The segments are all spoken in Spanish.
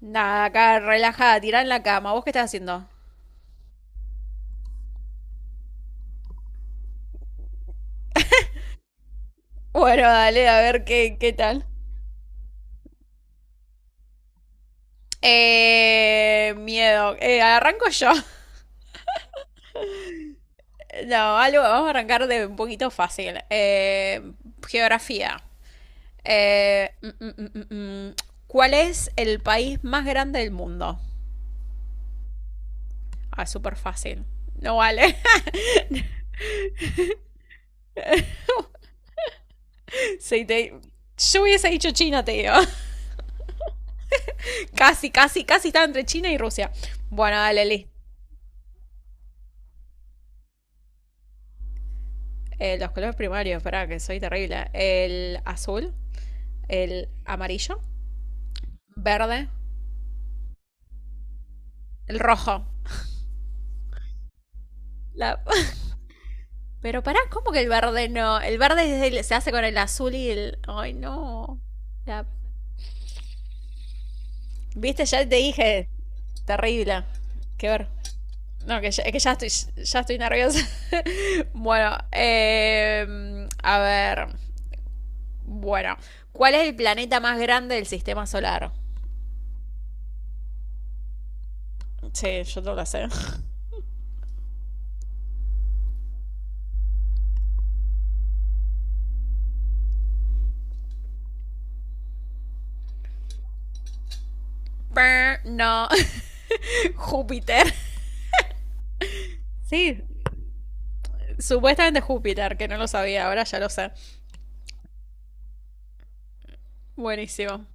Nada, acá relajada, tirada en la cama. ¿Vos qué estás haciendo? Bueno, dale, a ver qué tal. Miedo. Arranco yo. No, algo, vamos a arrancar de un poquito fácil. Geografía. Eh, mm, mm, mm, mm, mm. ¿Cuál es el país más grande del mundo? Ah, súper fácil. No vale. Sí, te... Yo hubiese dicho China, te digo. casi, casi, casi estaba entre China y Rusia. Bueno, dale, Liz. Los colores primarios, espera, que soy terrible. El azul, el amarillo, verde, el rojo. La- Pero pará, ¿cómo que el verde no? El verde es el- se hace con el azul y el... Ay, no. La- Viste, ya te dije. Terrible. Qué ver. No, que ya, es que ya estoy nerviosa. bueno, a ver. Bueno, ¿cuál es el planeta más grande del sistema solar? Sí, yo no lo sé. No, Júpiter. Sí, supuestamente Júpiter, que no lo sabía, ahora ya lo sé. Buenísimo.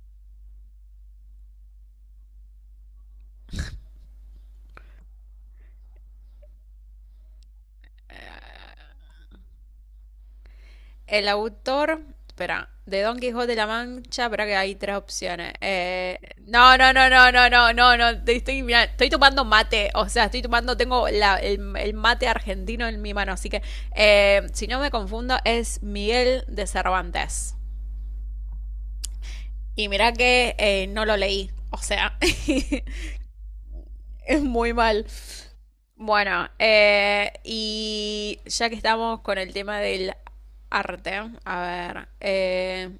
El autor, espera, de Don Quijote de la Mancha, espera que hay tres opciones. No, no, no, no, no, no, no, no. Mira, estoy tomando mate, o sea, estoy tomando, tengo el mate argentino en mi mano, así que si no me confundo, es Miguel de Cervantes. Y mira que no lo leí, o sea, es muy mal. Bueno, y ya que estamos con el tema del arte, a ver,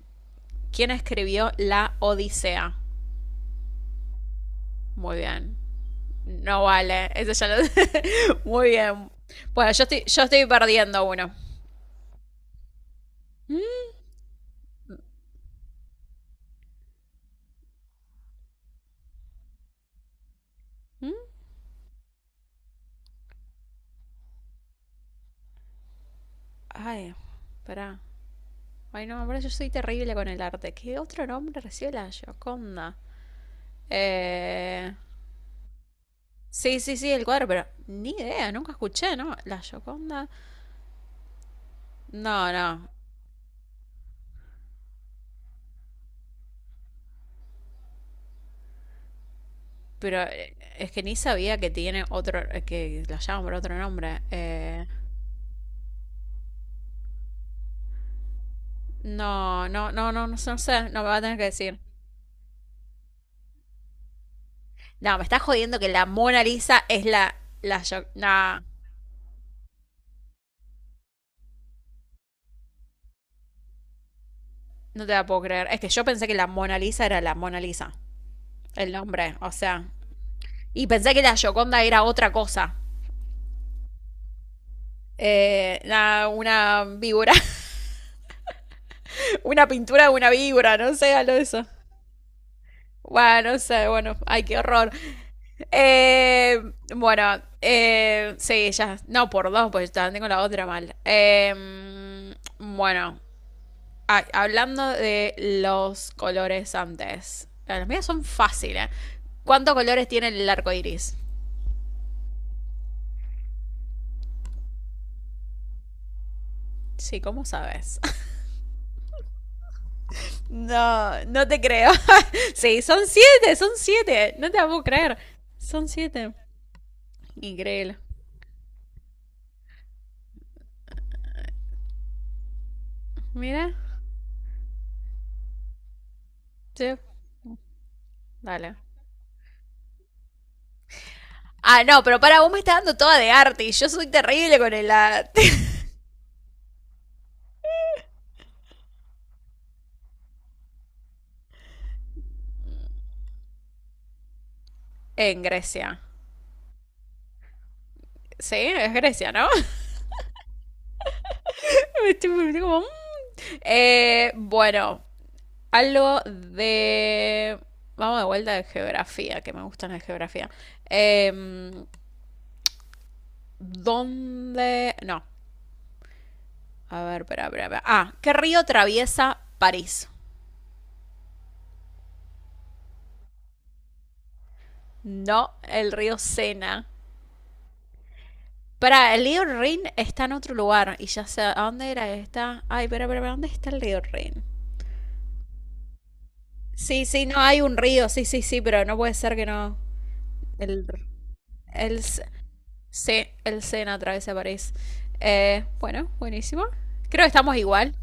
¿quién escribió La Odisea? Muy bien. No vale. Eso ya lo... Muy bien. Bueno, yo estoy perdiendo uno. ¿Mm? Mm. Ay, pará. Ay, no, ahora yo soy terrible con el arte. ¿Qué otro nombre recibe la Gioconda? Eh... Sí, sí, sí, el cuadro, pero ni idea, nunca escuché, ¿no? La Gioconda. No, no. Pero es que ni sabía que tiene otro. Que la llaman por otro nombre. No, no, no, no, no, no sé, no me va a tener que decir. No, me estás jodiendo que la Mona Lisa es yo- nah, no te la puedo creer. Es que yo pensé que la Mona Lisa era la Mona Lisa, el nombre, o sea, y pensé que la Gioconda era otra cosa. Nah, una víbora, una pintura de una víbora, no sé, algo de eso. Bueno, no sé, bueno, ay, qué horror. Eh, bueno, sí, ya. No, por dos, pues también tengo la otra mal. Bueno, ah, hablando de los colores antes. Las mías son fáciles. ¿Cuántos colores tiene el arco iris? Sí, ¿cómo sabes? No, no te creo. sí, son siete, son siete. No te la puedo creer. Son siete. Increíble. Mira, sí, dale. Ah, no, pero para vos me estás dando toda de arte y yo soy terrible con el arte. en Grecia. Sí, es Grecia, ¿no? estoy como, mm. Bueno, algo de... Vamos de vuelta de geografía, que me gusta la geografía. Em, ¿Dónde...? No. A ver, espera, espera, espera. Ah, ¿qué río atraviesa París? No, el río Sena. Para, el río Rin está en otro lugar. Y ya sé, ¿a dónde era esta? Ay, espera, espera, espera, ¿dónde está el río Rin? Sí, sí, no, hay un río, sí, sí, sí, pero no puede ser que no. El, el, sí, el Sena atraviesa París. Bueno, buenísimo. Creo que estamos igual.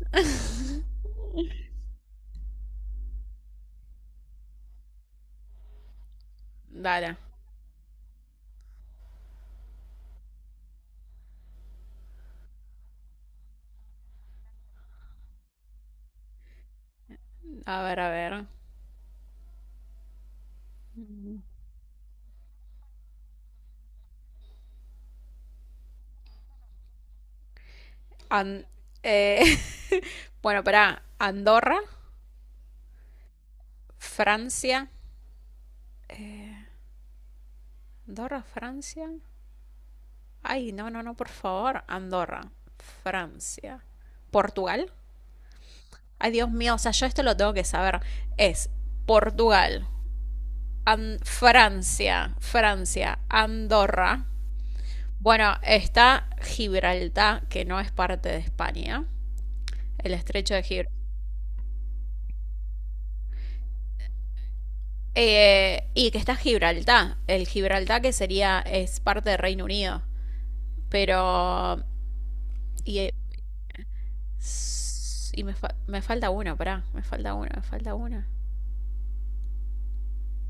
Dale. A ver, a ver. An- eh, bueno, para Andorra, Francia. Andorra, Francia. Ay, no, no, no, por favor. Andorra, Francia. Portugal. Ay, Dios mío, o sea, yo esto lo tengo que saber. Es Portugal, An- Francia, Francia, Andorra. Bueno, está Gibraltar, que no es parte de España, el estrecho de Gibraltar. Y que está Gibraltar, el Gibraltar que sería, es parte de Reino Unido. Pero. Y, s- y me, fa- me falta uno, pará, me falta uno, me falta uno.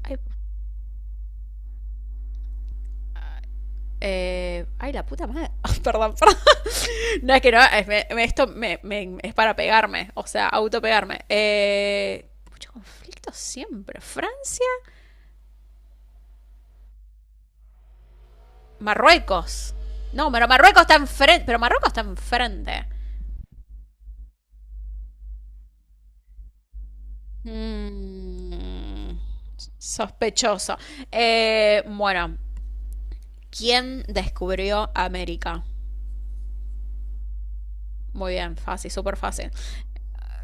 Ay, ay, la puta madre. perdón, perdón. No es que no, es- me- me- esto me- me- es para pegarme, o sea, autopegarme. Mucho conflicto siempre. Francia. Marruecos. No, pero Marruecos está enfrente. Pero Marruecos está enfrente. Mm, sospechoso. Bueno, ¿quién descubrió América? Muy bien, fácil, súper fácil.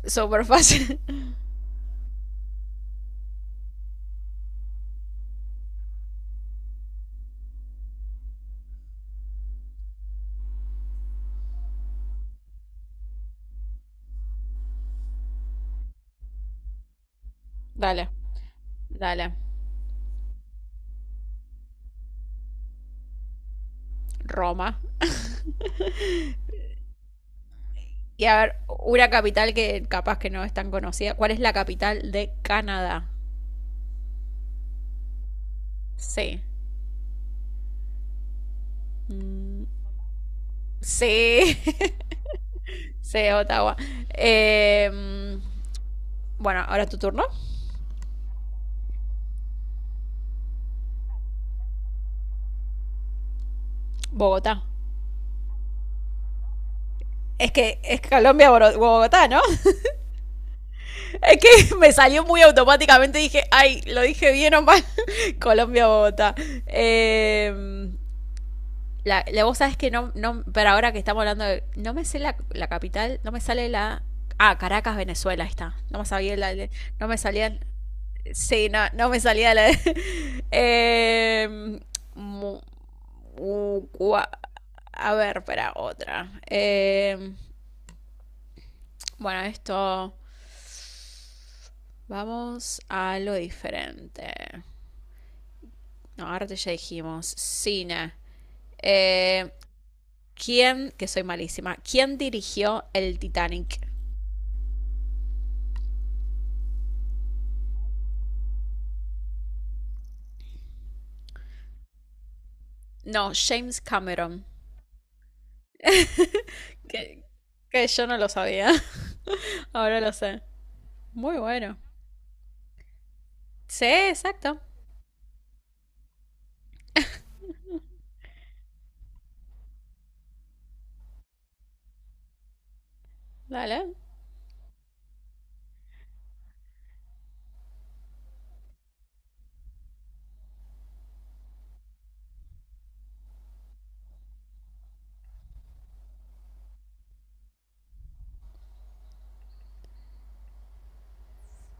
Súper fácil. dale, dale. Roma. Y a ver, una capital que capaz que no es tan conocida. ¿Cuál es la capital de Canadá? Sí. Mm, sí. sí, Ottawa. Eh, mm, bueno, ahora es tu turno. Bogotá. Es que es Colombia, Bogotá, ¿no? es que me salió muy automáticamente. Dije, ay, lo dije bien o mal. Colombia, Bogotá. Eh, vos sabés que no, no. Pero ahora que estamos hablando de. No me sé la capital. No me sale la. Ah, Caracas, Venezuela, ahí está. No me sabía la. No me salía. Sí, no, no me salía la. Eh, mu- u- cua- a ver, espera, otra. Bueno, esto. Vamos a lo diferente. No, ahora ya dijimos cine. Eh, ¿Quién, que soy malísima, quién dirigió el Titanic? No, James Cameron. Que, que yo no lo sabía. ahora lo sé. Muy bueno. Sí, exacto. Dale.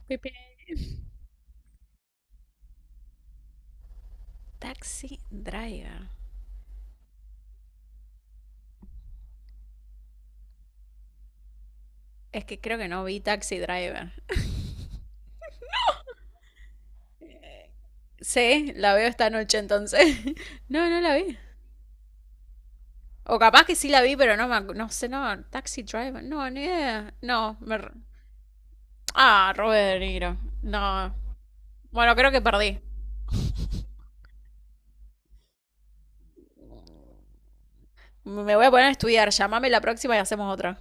Pipi. Taxi Driver. Es que creo que no vi Taxi Driver. sí, la veo esta noche entonces. no, no la vi. O capaz que sí la vi, pero no me no sé, no, Taxi Driver, no, ni idea. No, me ah, Robert De Niro. No. Bueno, creo que perdí. Me voy a poner a estudiar. Llámame la próxima y hacemos otra.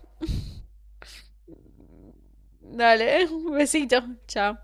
Dale, un besito. Chao.